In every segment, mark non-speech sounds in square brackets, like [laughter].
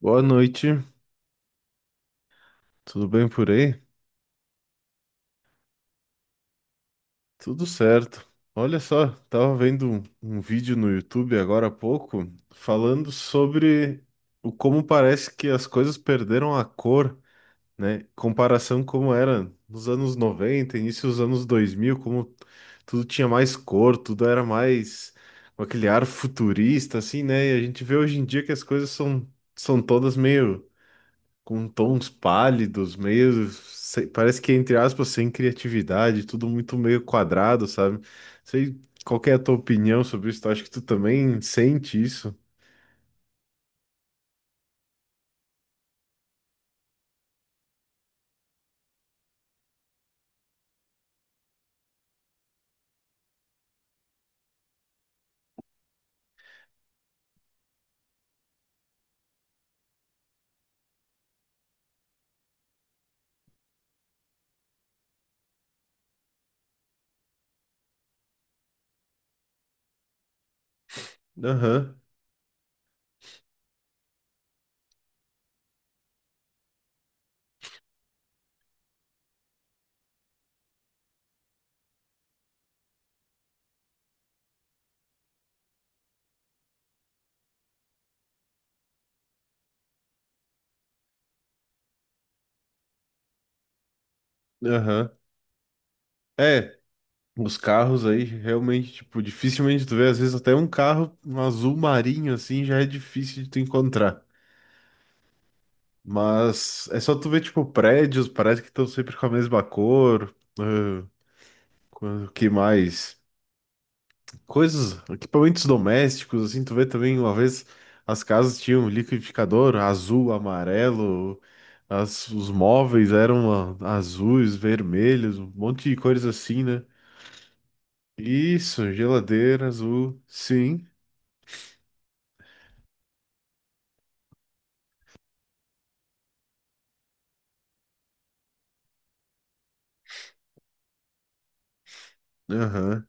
Boa noite, tudo bem por aí? Tudo certo. Olha só, tava vendo um vídeo no YouTube agora há pouco falando sobre o como parece que as coisas perderam a cor, né? Comparação como era nos anos 90, início dos anos 2000, como tudo tinha mais cor, tudo era mais com aquele ar futurista, assim, né? E a gente vê hoje em dia que as coisas são todas meio com tons pálidos, meio, parece que, entre aspas, sem criatividade, tudo muito meio quadrado, sabe? Sei qual que é a tua opinião sobre isso, acho que tu também sente isso. Aham, aham. É, os carros aí realmente, tipo, dificilmente tu vê, às vezes até um carro um azul marinho assim já é difícil de tu encontrar. Mas é só tu ver, tipo, prédios, parece que estão sempre com a mesma cor. O que mais? Coisas, equipamentos domésticos, assim, tu vê também uma vez as casas tinham liquidificador azul, amarelo, os móveis eram azuis, vermelhos, um monte de cores assim, né? Isso, geladeira azul, sim, aham,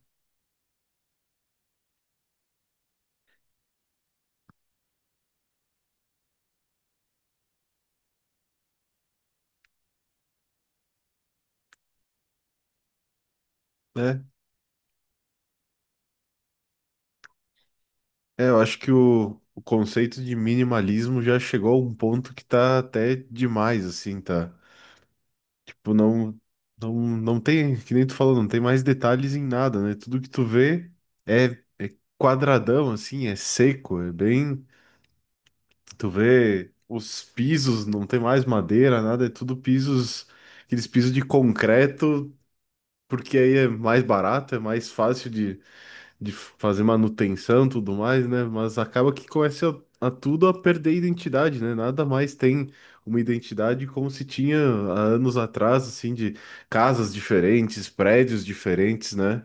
né? É, eu acho que o conceito de minimalismo já chegou a um ponto que tá até demais, assim, tá? Tipo, não tem, que nem tu falou, não tem mais detalhes em nada, né? Tudo que tu vê é, é quadradão, assim, é seco, é bem. Tu vê os pisos, não tem mais madeira, nada, é tudo pisos, aqueles pisos de concreto, porque aí é mais barato, é mais fácil de fazer manutenção e tudo mais, né? Mas acaba que começa a tudo a perder identidade, né? Nada mais tem uma identidade como se tinha há anos atrás, assim, de casas diferentes, prédios diferentes, né?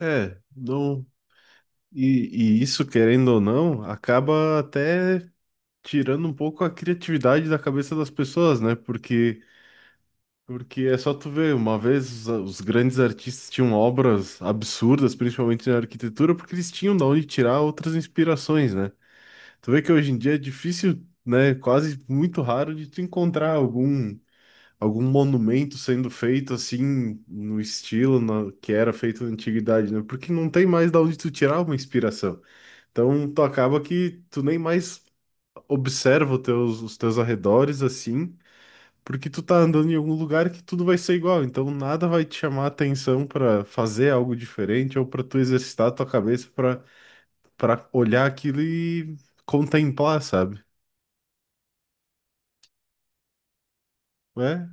É, não. E isso, querendo ou não, acaba até tirando um pouco a criatividade da cabeça das pessoas, né? Porque é só tu ver, uma vez os grandes artistas tinham obras absurdas, principalmente na arquitetura, porque eles tinham da onde tirar outras inspirações, né? Tu vê que hoje em dia é difícil, né, quase muito raro de tu encontrar algum monumento sendo feito assim no estilo que era feito na antiguidade, né? Porque não tem mais da onde tu tirar uma inspiração. Então tu acaba que tu nem mais observa os teus arredores assim porque tu tá andando em algum lugar que tudo vai ser igual, então nada vai te chamar a atenção pra fazer algo diferente ou pra tu exercitar a tua cabeça pra para olhar aquilo e contemplar, sabe? É,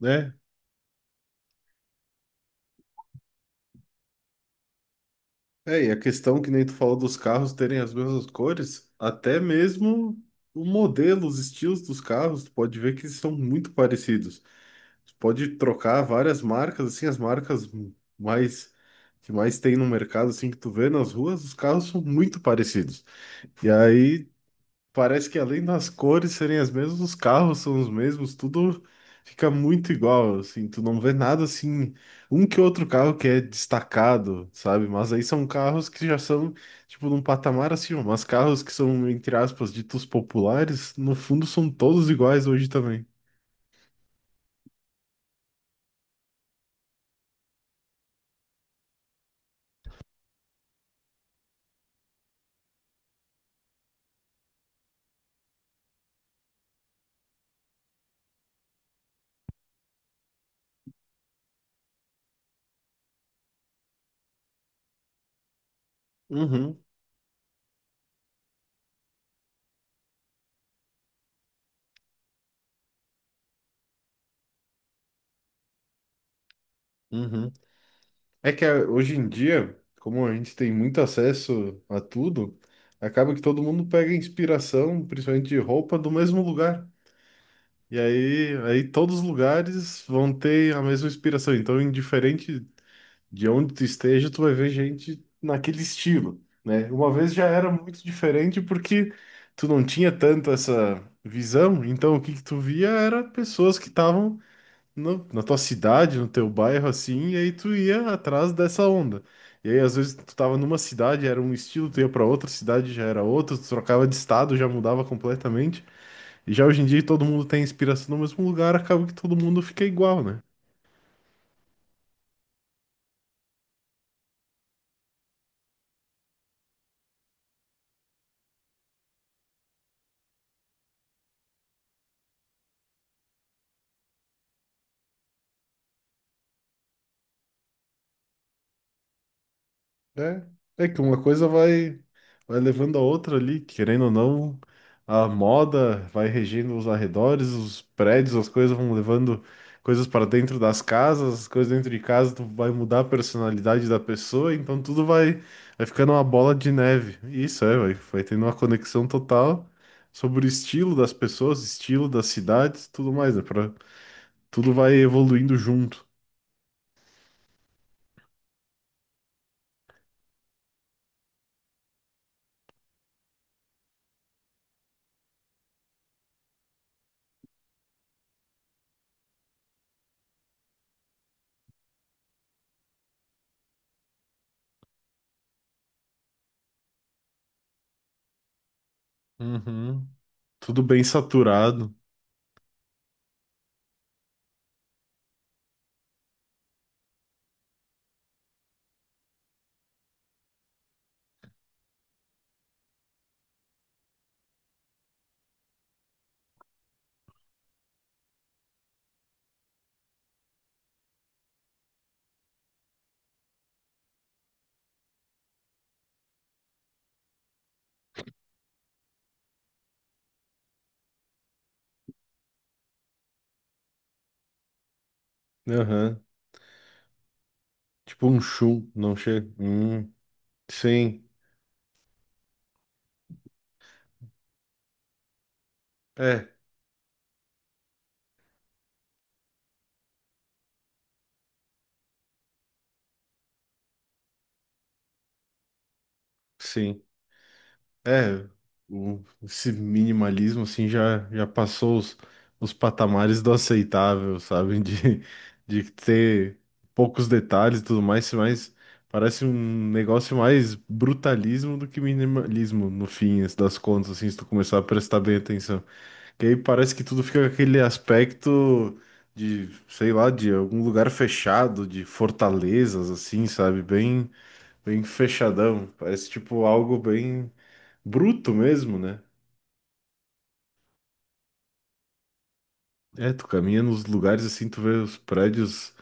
né? É, e a questão que nem tu falou dos carros terem as mesmas cores, até mesmo o modelo, os estilos dos carros, tu pode ver que eles são muito parecidos. Tu pode trocar várias marcas, assim, as marcas mais que mais tem no mercado, assim, que tu vê nas ruas, os carros são muito parecidos. E aí parece que além das cores serem as mesmas, os carros são os mesmos, tudo fica muito igual, assim, tu não vê nada assim, um que outro carro que é destacado, sabe? Mas aí são carros que já são, tipo, num patamar acima, mas carros que são, entre aspas, ditos populares, no fundo são todos iguais hoje também. Uhum, uhum. É que hoje em dia, como a gente tem muito acesso a tudo, acaba que todo mundo pega inspiração, principalmente de roupa, do mesmo lugar. E aí, todos os lugares vão ter a mesma inspiração. Então, indiferente de onde tu esteja, tu vai ver gente naquele estilo, né? Uma vez já era muito diferente porque tu não tinha tanto essa visão. Então, o que que tu via era pessoas que estavam na tua cidade, no teu bairro, assim, e aí tu ia atrás dessa onda. E aí, às vezes, tu tava numa cidade, era um estilo, tu ia pra outra cidade, já era outro, tu trocava de estado, já mudava completamente. Já hoje em dia todo mundo tem inspiração no mesmo lugar, acaba que todo mundo fica igual, né? É, que uma coisa vai levando a outra ali, querendo ou não, a moda vai regendo os arredores, os prédios, as coisas vão levando coisas para dentro das casas, as coisas dentro de casa tu vai mudar a personalidade da pessoa, então tudo vai ficando uma bola de neve. Isso é, vai tendo uma conexão total sobre o estilo das pessoas, estilo das cidades, tudo mais, né? Pra, tudo vai evoluindo junto. Uhum. Tudo bem saturado. Aham. Tipo um chum, não chega. Hum. Sim. É, sim. É, esse minimalismo assim já passou os patamares do aceitável, sabe? [laughs] De ter poucos detalhes e tudo mais, mas parece um negócio mais brutalismo do que minimalismo no fim das contas, assim, se tu começar a prestar bem atenção. Que aí parece que tudo fica com aquele aspecto de, sei lá, de algum lugar fechado, de fortalezas, assim, sabe? Bem fechadão. Parece tipo algo bem bruto mesmo, né? É, tu caminha nos lugares assim, tu vê os prédios.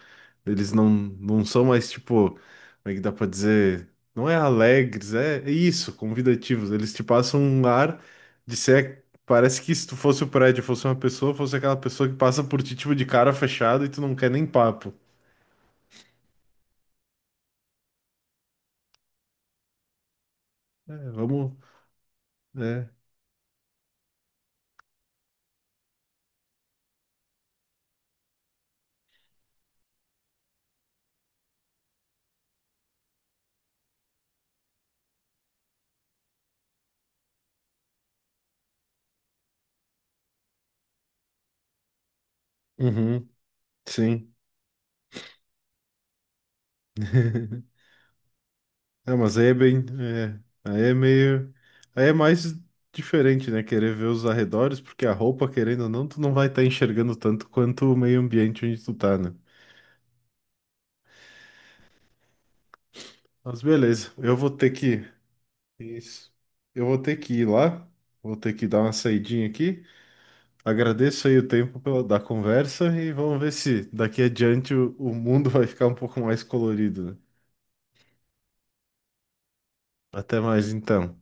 Eles não são mais, tipo, como é que dá pra dizer? Não é alegres, é isso, convidativos. Eles te passam um ar de ser. Parece que se tu fosse o prédio, fosse uma pessoa, fosse aquela pessoa que passa por ti, tipo, de cara fechada e tu não quer nem papo. É, vamos. É. Uhum, sim. [laughs] É, mas aí é bem. É, aí é meio. Aí é mais diferente, né? Querer ver os arredores, porque a roupa, querendo ou não, tu não vai estar enxergando tanto quanto o meio ambiente onde tu tá, né? Mas beleza, eu vou ter que. Isso. Eu vou ter que ir lá, vou ter que dar uma saidinha aqui. Agradeço aí o tempo pela, da conversa e vamos ver se daqui adiante o mundo [laughs] vai ficar um pouco mais colorido, né? Até mais então.